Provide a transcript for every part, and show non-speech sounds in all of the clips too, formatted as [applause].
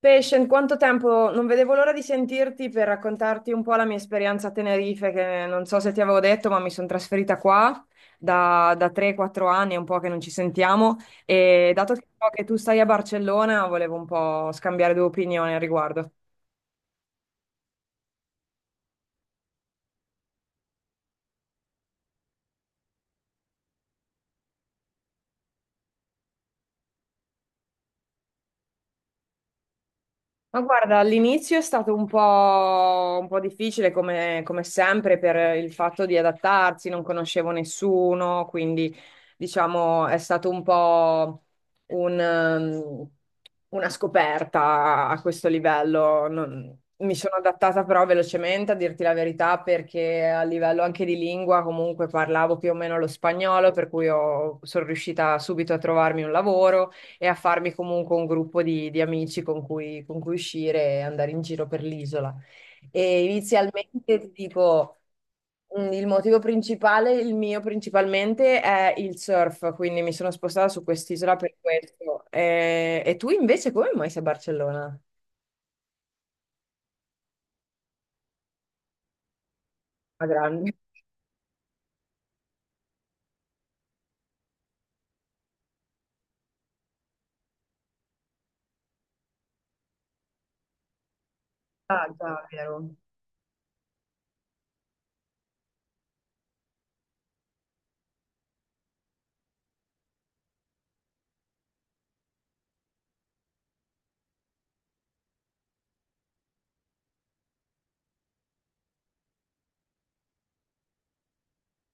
Patient, quanto tempo? Non vedevo l'ora di sentirti per raccontarti un po' la mia esperienza a Tenerife, che non so se ti avevo detto, ma mi sono trasferita qua da 3-4 anni, è un po' che non ci sentiamo, e dato che so che tu stai a Barcellona, volevo un po' scambiare due opinioni al riguardo. Ma guarda, all'inizio è stato un po' difficile come sempre per il fatto di adattarsi, non conoscevo nessuno, quindi diciamo è stato un po' un, ehm, una scoperta a questo livello. Mi sono adattata però velocemente, a dirti la verità, perché a livello anche di lingua comunque parlavo più o meno lo spagnolo, per cui sono riuscita subito a trovarmi un lavoro e a farmi comunque un gruppo di amici con cui uscire e andare in giro per l'isola. E inizialmente ti dico, il motivo principale, il mio principalmente, è il surf, quindi mi sono spostata su quest'isola per questo. E tu invece come mai sei a Barcellona? A grande. Ah, già, vero.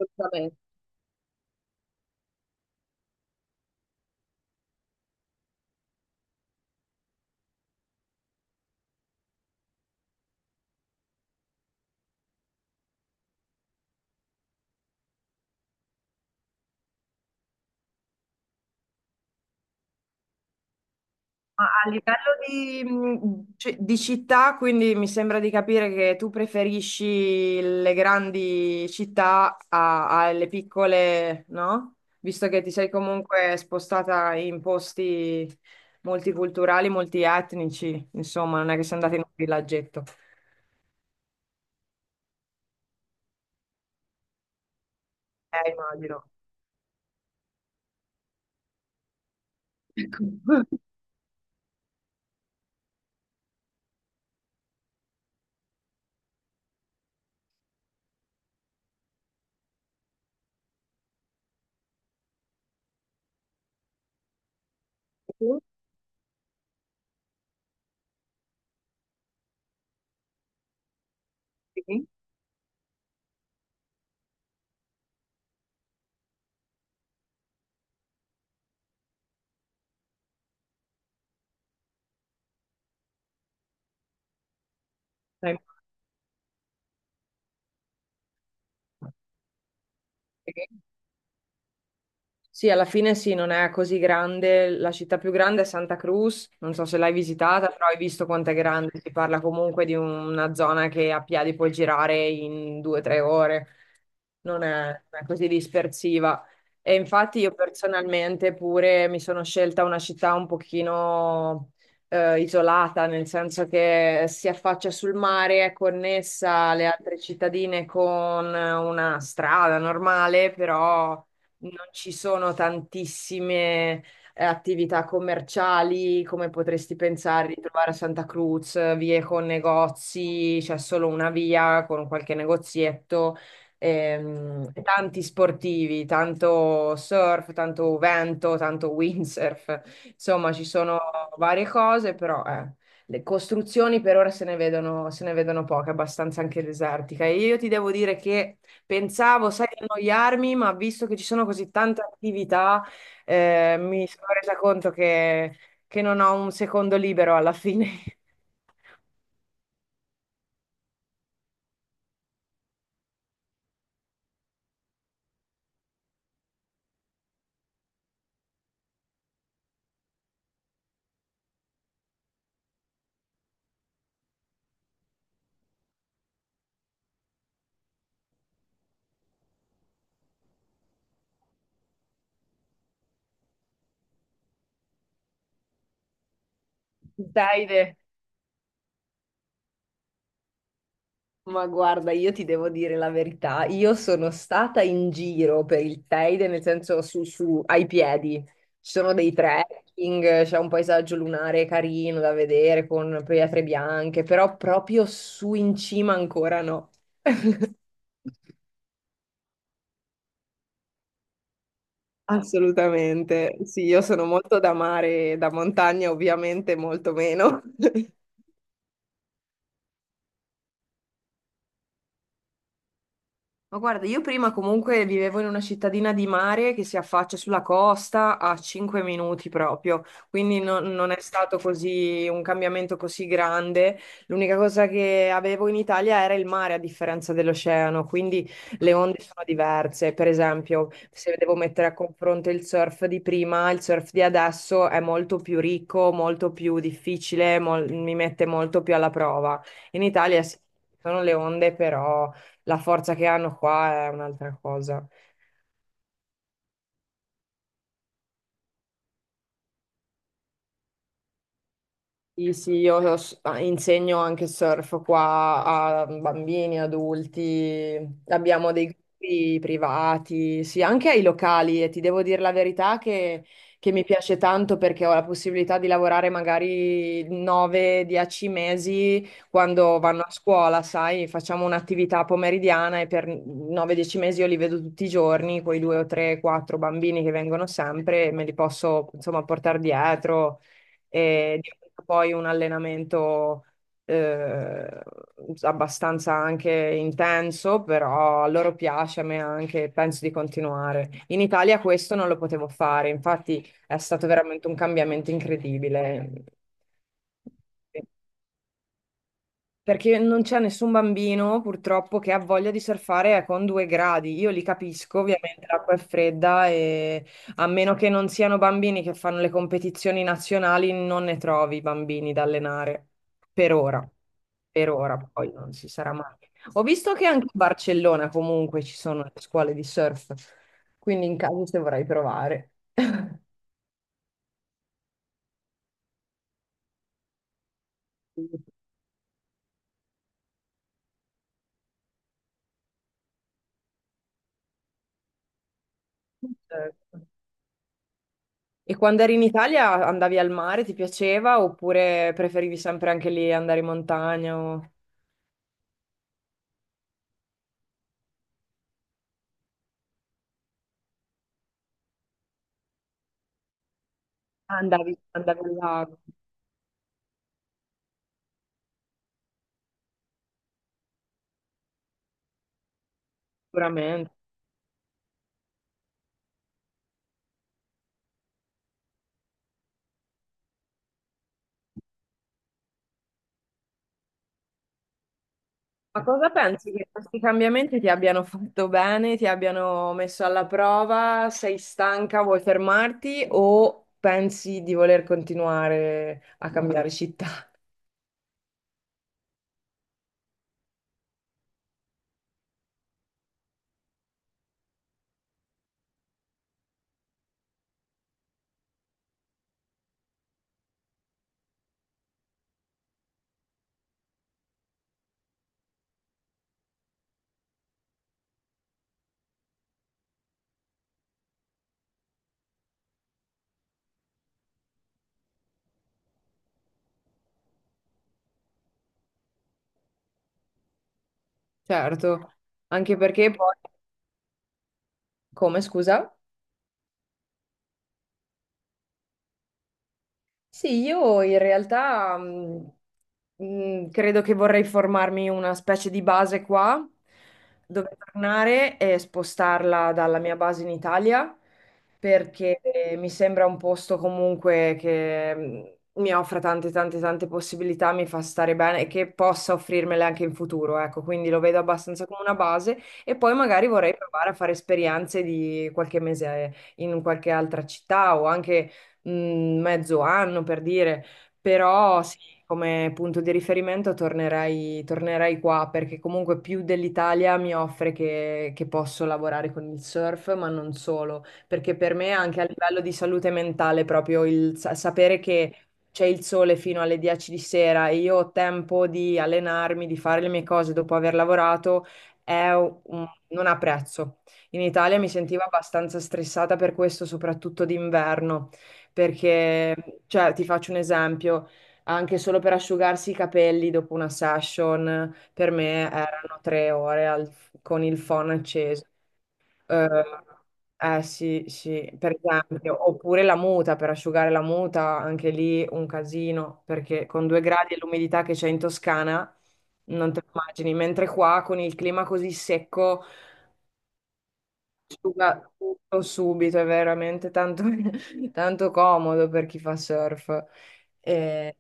Assolutamente. Ma a livello di, di città, quindi mi sembra di capire che tu preferisci le grandi città alle piccole, no? Visto che ti sei comunque spostata in posti multiculturali, multietnici, insomma, non è che sei andata in un villaggetto. Immagino. Ecco. [laughs] Sì? Sì? Dai. Sì? Sì, alla fine sì, non è così grande. La città più grande è Santa Cruz, non so se l'hai visitata, però hai visto quanto è grande. Si parla comunque di una zona che a piedi puoi girare in 2 o 3 ore, non è così dispersiva. E infatti io personalmente pure mi sono scelta una città un pochino isolata, nel senso che si affaccia sul mare, è connessa alle altre cittadine con una strada normale, però non ci sono tantissime attività commerciali come potresti pensare di trovare a Santa Cruz, vie con negozi, c'è solo una via con qualche negozietto, e tanti sportivi, tanto surf, tanto vento, tanto windsurf, insomma ci sono varie cose, però. Le costruzioni per ora se ne vedono poche, abbastanza anche desertica. E io ti devo dire che pensavo, sai, di annoiarmi, ma visto che ci sono così tante attività, mi sono resa conto che non ho un secondo libero alla fine. [laughs] Davide, ma guarda, io ti devo dire la verità, io sono stata in giro per il Teide, nel senso ai piedi, ci sono dei trekking, c'è un paesaggio lunare carino da vedere con pietre bianche, però proprio su in cima ancora no. Assolutamente, sì, io sono molto da mare, da montagna ovviamente molto meno. [laughs] Ma guarda, io prima comunque vivevo in una cittadina di mare che si affaccia sulla costa a 5 minuti proprio, quindi non è stato così un cambiamento così grande. L'unica cosa che avevo in Italia era il mare a differenza dell'oceano, quindi le onde sono diverse. Per esempio, se devo mettere a confronto il surf di prima, il surf di adesso è molto più ricco, molto più difficile, mi mette molto più alla prova. In Italia sì, ci sono le onde, però la forza che hanno qua è un'altra cosa. Sì, sì, io insegno anche surf qua a bambini, adulti, abbiamo dei gruppi privati, sì, anche ai locali e ti devo dire la verità che mi piace tanto perché ho la possibilità di lavorare magari 9-10 mesi quando vanno a scuola, sai, facciamo un'attività pomeridiana e per 9-10 mesi io li vedo tutti i giorni, quei due o tre, quattro bambini che vengono sempre, me li posso insomma portare dietro e diventa poi un allenamento eh, abbastanza anche intenso, però a loro piace, a me anche, penso di continuare. In Italia questo non lo potevo fare, infatti è stato veramente un cambiamento incredibile. Sì. Perché non c'è nessun bambino purtroppo che ha voglia di surfare con 2 gradi. Io li capisco, ovviamente l'acqua è fredda e a meno che non siano bambini che fanno le competizioni nazionali, non ne trovi bambini da allenare. Per ora, per ora, poi non si sarà mai. Ho visto che anche a Barcellona comunque ci sono le scuole di surf, quindi in caso se vorrai provare. [laughs] E quando eri in Italia andavi al mare, ti piaceva oppure preferivi sempre anche lì andare in montagna o andavi al lago? Sicuramente. Ma cosa pensi che questi cambiamenti ti abbiano fatto bene, ti abbiano messo alla prova? Sei stanca, vuoi fermarti o pensi di voler continuare a cambiare città? [laughs] Certo, anche perché poi... Come, scusa? Sì, io in realtà credo che vorrei formarmi una specie di base qua, dove tornare e spostarla dalla mia base in Italia, perché mi sembra un posto comunque che mi offra tante, tante, tante possibilità, mi fa stare bene e che possa offrirmele anche in futuro, ecco, quindi lo vedo abbastanza come una base e poi magari vorrei provare a fare esperienze di qualche mese in qualche altra città o anche mh, mezzo anno per dire, però sì, come punto di riferimento tornerei qua perché comunque più dell'Italia mi offre che posso lavorare con il surf, ma non solo, perché per me anche a livello di salute mentale proprio il sapere che c'è il sole fino alle 10 di sera e io ho tempo di allenarmi, di fare le mie cose dopo aver lavorato, è non ha prezzo. In Italia mi sentivo abbastanza stressata per questo, soprattutto d'inverno perché, cioè, ti faccio un esempio, anche solo per asciugarsi i capelli dopo una session, per me erano 3 ore con il phon acceso. Eh, eh sì, sì, per esempio, oppure la muta, per asciugare la muta, anche lì un casino, perché con 2 gradi e l'umidità che c'è in Toscana, non te lo immagini, mentre qua con il clima così secco asciuga tutto subito, è veramente tanto, [laughs] tanto comodo per chi fa surf. E,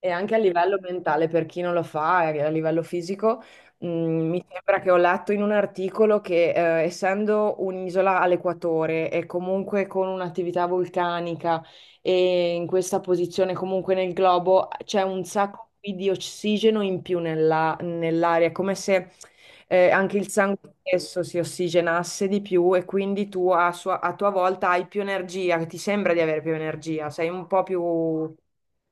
e anche a livello mentale, per chi non lo fa, e a livello fisico, mi sembra che ho letto in un articolo che essendo un'isola all'equatore e comunque con un'attività vulcanica e in questa posizione comunque nel globo, c'è un sacco di ossigeno in più nell'aria, come se anche il sangue stesso si ossigenasse di più e quindi tu a tua volta hai più energia, che ti sembra di avere più energia, sei un po' più,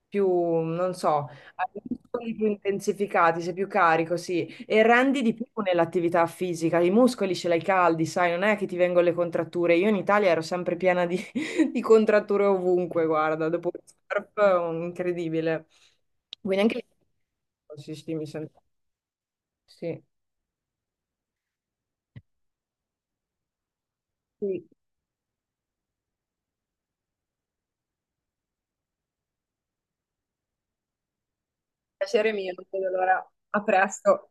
non so, hai i muscoli più intensificati, sei più carico, sì, e rendi di più nell'attività fisica, i muscoli ce l'hai caldi, sai, non è che ti vengono le contratture, io in Italia ero sempre piena di, [laughs] di contratture ovunque, guarda, dopo il surf, incredibile. Quindi anche... lì, sì, sì, mi sento... Sì. Sì. Piacere mio, non vedo l'ora. A presto.